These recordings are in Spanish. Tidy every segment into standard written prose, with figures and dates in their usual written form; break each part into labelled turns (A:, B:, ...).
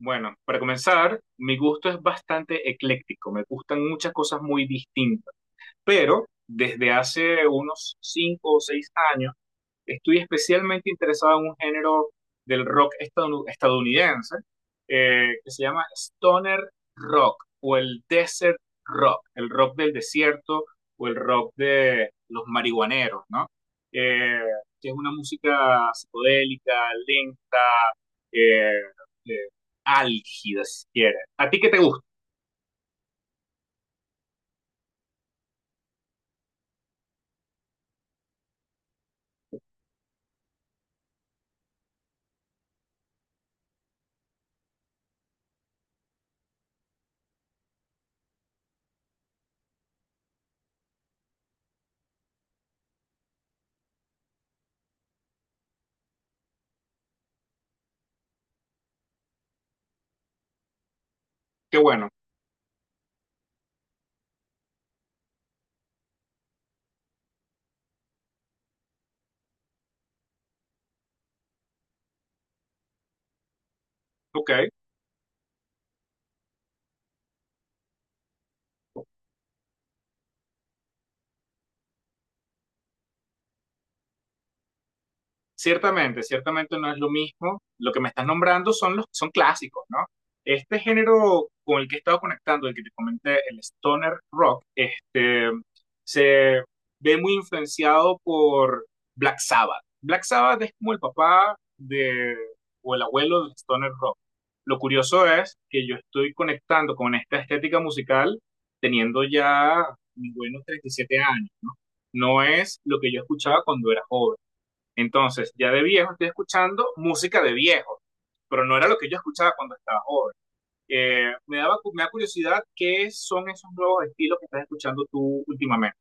A: Bueno, para comenzar, mi gusto es bastante ecléctico, me gustan muchas cosas muy distintas, pero desde hace unos 5 o 6 años estoy especialmente interesado en un género del rock estadounidense que se llama stoner rock o el desert rock, el rock del desierto o el rock de los marihuaneros, ¿no? Eh, que es una música psicodélica, lenta, eh, eh, álgida, si. ¿A ti qué te gusta? Qué bueno. Ok. Ciertamente, ciertamente no es lo mismo. Lo que me estás nombrando son clásicos, ¿no? Este género con el que he estado conectando, el que te comenté, el stoner rock, este, se ve muy influenciado por Black Sabbath. Black Sabbath es como el papá de, o el abuelo del stoner rock. Lo curioso es que yo estoy conectando con esta estética musical teniendo ya mis buenos 37 años, ¿no? No es lo que yo escuchaba cuando era joven, entonces, ya de viejo estoy escuchando música de viejo, pero no era lo que yo escuchaba cuando estaba joven. Me da curiosidad qué son esos nuevos estilos que estás escuchando tú últimamente.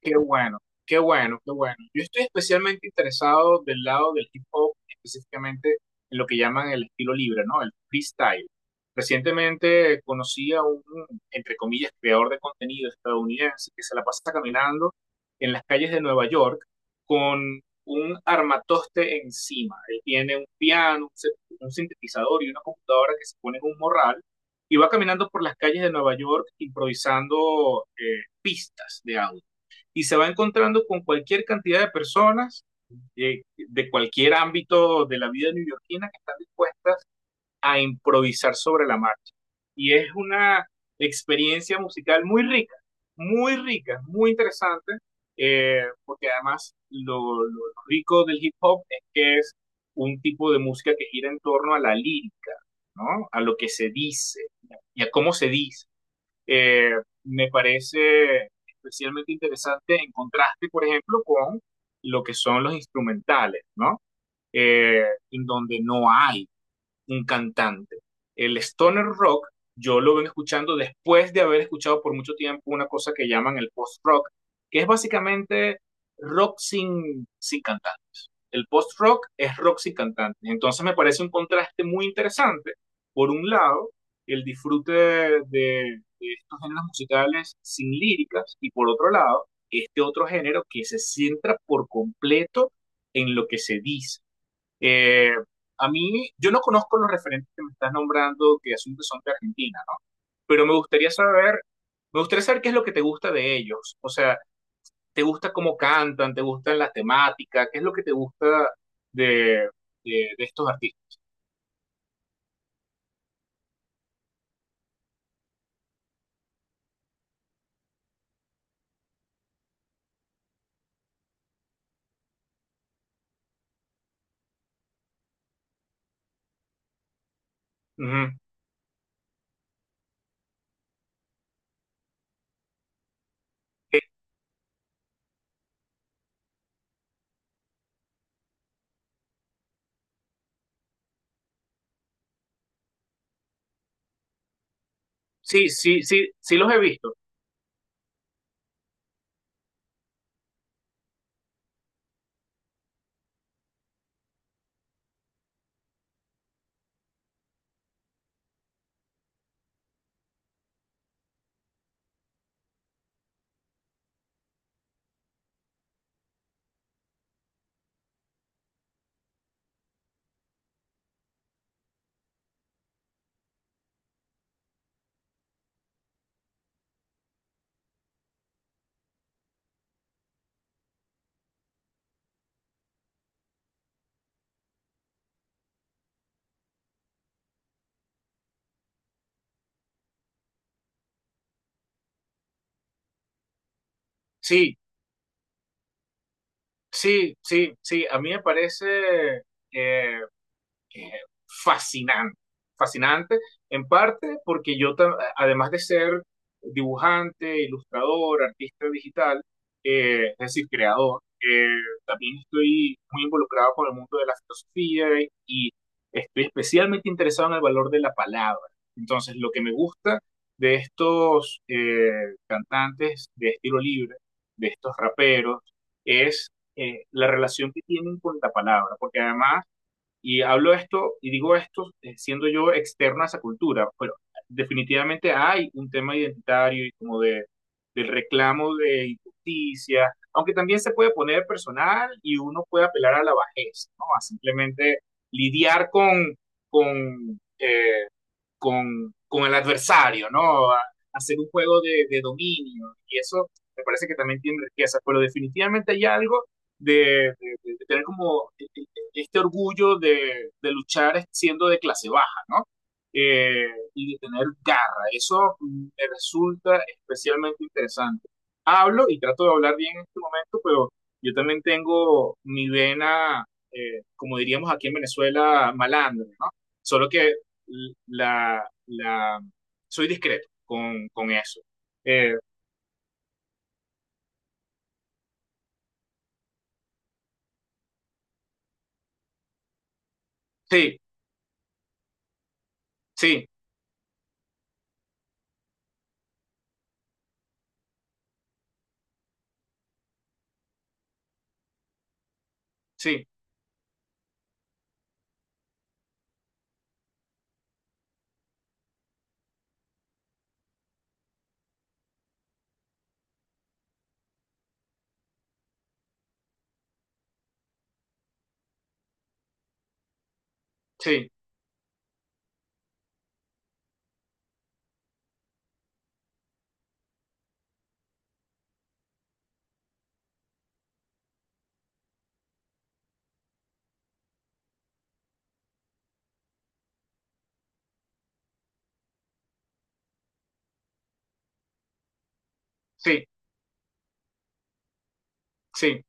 A: Qué bueno, qué bueno, qué bueno. Yo estoy especialmente interesado del lado del hip hop, específicamente en lo que llaman el estilo libre, ¿no? El freestyle. Recientemente conocí a un, entre comillas, creador de contenido estadounidense que se la pasa caminando en las calles de Nueva York con un armatoste encima. Él tiene un piano, un sintetizador y una computadora que se pone en un morral y va caminando por las calles de Nueva York improvisando pistas de audio y se va encontrando con cualquier cantidad de personas de cualquier ámbito de la vida neoyorquina que están dispuestas a improvisar sobre la marcha. Y es una experiencia musical muy rica, muy rica, muy interesante, porque además lo rico del hip hop es que es un tipo de música que gira en torno a la lírica, ¿no? A lo que se dice y a cómo se dice. eh, Me parece especialmente interesante en contraste, por ejemplo, con lo que son los instrumentales, ¿no? Eh, en donde no hay un cantante. El stoner rock yo lo vengo escuchando después de haber escuchado por mucho tiempo una cosa que llaman el post-rock, que es básicamente rock sin cantantes. El post-rock es rock sin cantantes. Entonces me parece un contraste muy interesante. Por un lado, el disfrute de estos géneros musicales sin líricas y por otro lado, este otro género que se centra por completo en lo que se dice. eh, a mí, yo no conozco los referentes que me estás nombrando, que asumo que son de Argentina, ¿no? Pero me gustaría saber qué es lo que te gusta de ellos. O sea, ¿te gusta cómo cantan? ¿Te gustan las temáticas? ¿Qué es lo que te gusta de, de, de estos artistas? Ujú. Eh, sí, sí, sí, sí los he visto. Sí, sí, sí, sí. A mí me parece, eh, eh, fascinante, fascinante en parte porque yo, además de ser dibujante, ilustrador, artista digital, es decir, creador, también estoy muy involucrado con el mundo de la filosofía y estoy especialmente interesado en el valor de la palabra. Entonces, lo que me gusta de estos cantantes de estilo libre, de estos raperos, es la relación que tienen con la palabra, porque además y hablo esto y digo esto siendo yo externa a esa cultura, pero definitivamente hay un tema identitario y como del reclamo de injusticia, aunque también se puede poner personal y uno puede apelar a la bajeza, ¿no? A simplemente lidiar con eh, con el adversario, ¿no? A hacer un juego dominio. Y eso me parece que también tiene riqueza. Pero definitivamente hay algo de tener como este orgullo de luchar siendo de clase baja, ¿no? Eh, y de tener garra. Eso me resulta especialmente interesante. Hablo y trato de hablar bien en este momento, pero yo también tengo mi vena, como diríamos aquí en Venezuela, malandro, ¿no? Solo que la, la, soy discreto con eso. Eh, sí, sí, sí, sí, sí, sí.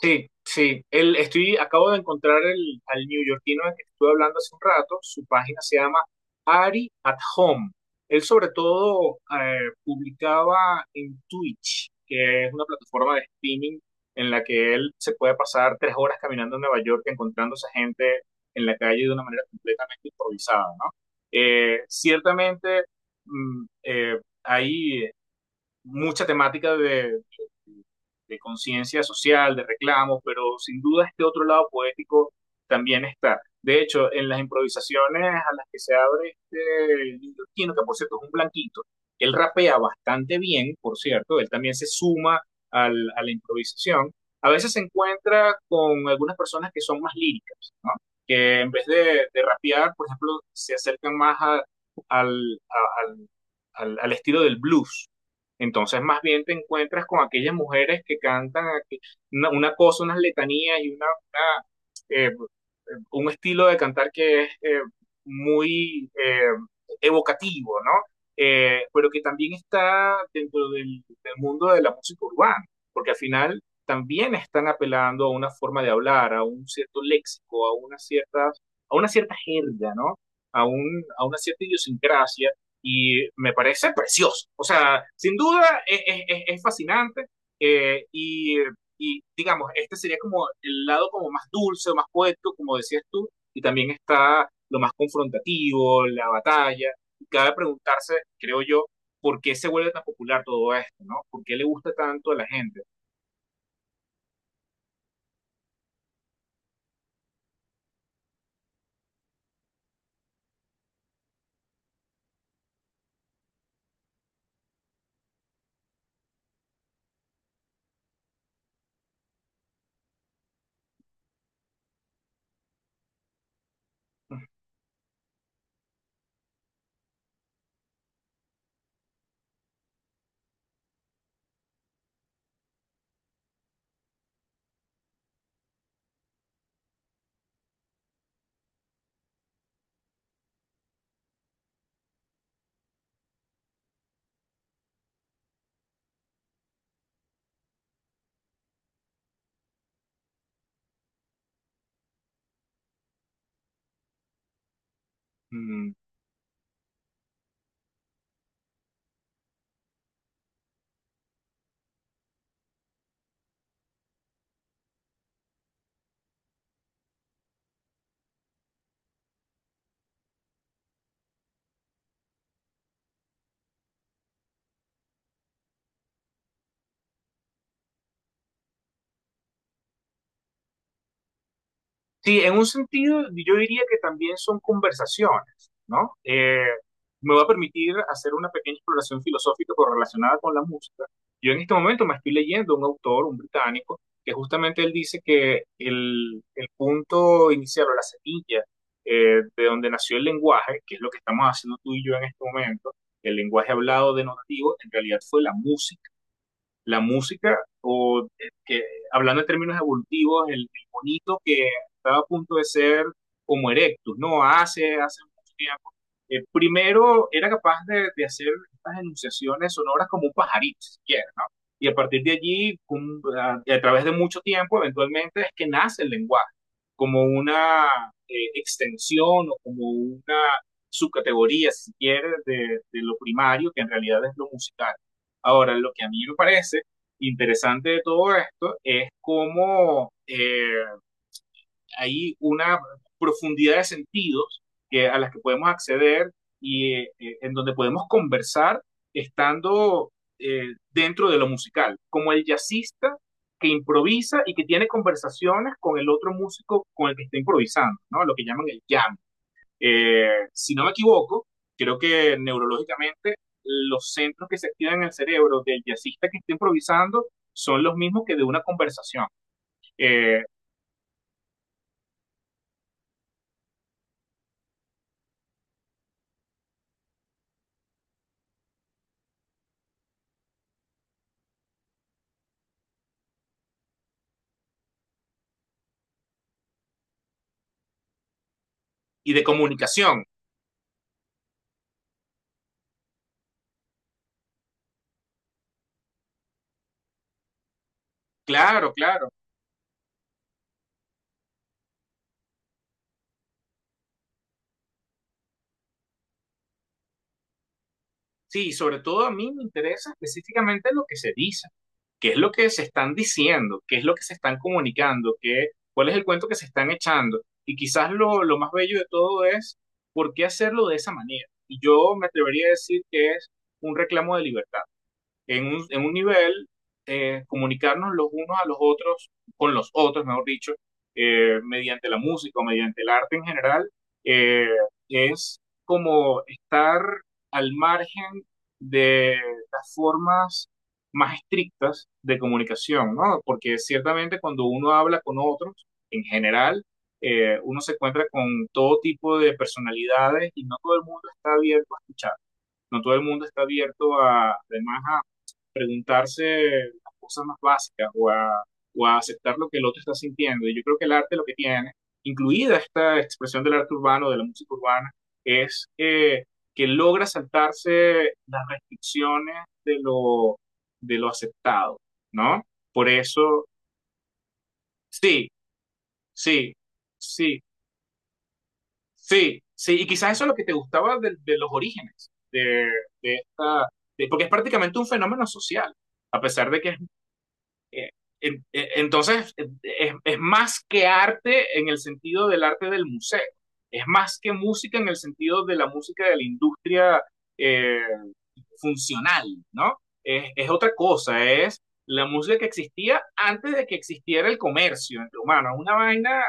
A: Sí, sí. Estoy, acabo de encontrar al neoyorquino del que te estuve hablando hace un rato. Su página se llama Ari at Home. Él sobre todo publicaba en Twitch, que es una plataforma de streaming en la que él se puede pasar 3 horas caminando en Nueva York encontrándose gente en la calle de una manera completamente improvisada, ¿no? Ciertamente hay mucha temática de conciencia social, de reclamos, pero sin duda este otro lado poético también está. De hecho, en las improvisaciones a las que se abre este neoyorquino, que por cierto es un blanquito, él rapea bastante bien, por cierto, él también se suma a la improvisación. A veces se encuentra con algunas personas que son más líricas, ¿no? Que en vez de rapear, por ejemplo, se acercan más al, a, al, al estilo del blues, entonces, más bien te encuentras con aquellas mujeres que cantan una cosa, unas letanías y una, eh, un estilo de cantar que es muy evocativo, ¿no? Pero que también está dentro del, del mundo de la música urbana, porque al final también están apelando a una forma de hablar, a un cierto léxico, a una cierta jerga, ¿no? A una cierta idiosincrasia y me parece precioso. O sea, sin duda es fascinante. eh, y, digamos, este sería como el lado como más dulce, más poético, como decías tú, y también está lo más confrontativo, la batalla. Y cabe preguntarse, creo yo, por qué se vuelve tan popular todo esto, ¿no? ¿Por qué le gusta tanto a la gente? Mm. Sí, en un sentido, yo diría que también son conversaciones, ¿no? Me va a permitir hacer una pequeña exploración filosófica pero relacionada con la música. Yo en este momento me estoy leyendo un autor, un británico, que justamente él dice que el punto inicial o la semilla de donde nació el lenguaje, que es lo que estamos haciendo tú y yo en este momento, el lenguaje hablado denotativo, en realidad fue la música, la música, hablando en términos evolutivos, bonito que estaba a punto de ser como Erectus, ¿no? Hace, hace mucho tiempo. Primero era capaz hacer estas enunciaciones sonoras como un pajarito, si quieres, ¿no? Y a partir de allí, través de mucho tiempo, eventualmente es que nace el lenguaje, como una extensión o como una subcategoría, si quieres, de lo primario, que en realidad es lo musical. Ahora, lo que a mí me parece interesante de todo esto es cómo hay una profundidad de sentidos que, a las que podemos acceder y en donde podemos conversar estando dentro de lo musical, como el jazzista que improvisa y que tiene conversaciones con el otro músico con el que está improvisando, ¿no? Lo que llaman el jam. Si no me equivoco, creo que neurológicamente los centros que se activan en el cerebro del jazzista que está improvisando son los mismos que de una conversación eh, y de comunicación. Claro, claro. Sí, sobre todo a mí me interesa específicamente lo que se dice, qué es lo que se están diciendo, qué es lo que se están comunicando, qué, cuál es el cuento que se están echando. Y quizás lo más bello de todo es por qué hacerlo de esa manera. Y yo me atrevería a decir que es un reclamo de libertad en un nivel, comunicarnos los unos a los otros, con los otros, mejor dicho, mediante la música o mediante el arte en general, eh, es como estar al margen de las formas más estrictas de comunicación, ¿no? Porque ciertamente cuando uno habla con otros, en general, uno se encuentra con todo tipo de personalidades y no todo el mundo está abierto a escuchar, no todo el mundo está abierto a, además a, preguntarse las cosas más básicas o a aceptar lo que el otro está sintiendo. Y yo creo que el arte lo que tiene, incluida esta expresión del arte urbano, de la música urbana, es que logra saltarse las restricciones de lo, de lo aceptado, ¿no? Por eso, sí, sí, sí, sí, sí. Y quizás eso es lo que te gustaba de los orígenes de esta, de- porque es prácticamente un fenómeno social, a pesar de que Eh, Entonces, es más que arte en el sentido del arte del museo, es más que música en el sentido de la música de la industria eh, funcional, ¿no? Es otra cosa, es la música que existía antes de que existiera el comercio entre humanos, una vaina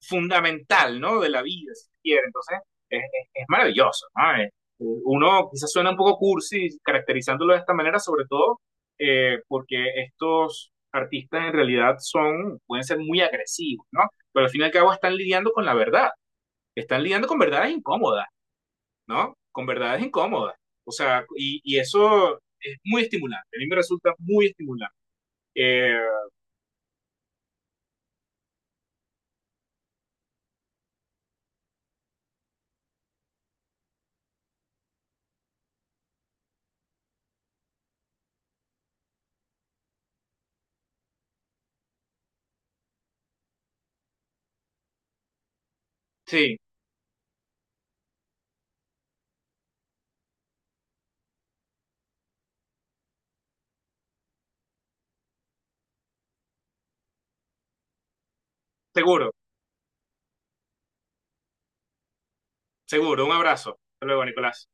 A: fundamental, ¿no? De la vida, si quiere. Entonces, es maravilloso, ¿no? Es, uno quizás suena un poco cursi caracterizándolo de esta manera, sobre todo porque estos artistas en realidad son, pueden ser muy agresivos, ¿no? Pero al fin y al cabo están lidiando con la verdad, están lidiando con verdades incómodas, ¿no? Con verdades incómodas. O sea, y eso es muy estimulante, a mí me resulta muy estimulante. Eh, sí, seguro, seguro, un abrazo. Hasta luego, Nicolás.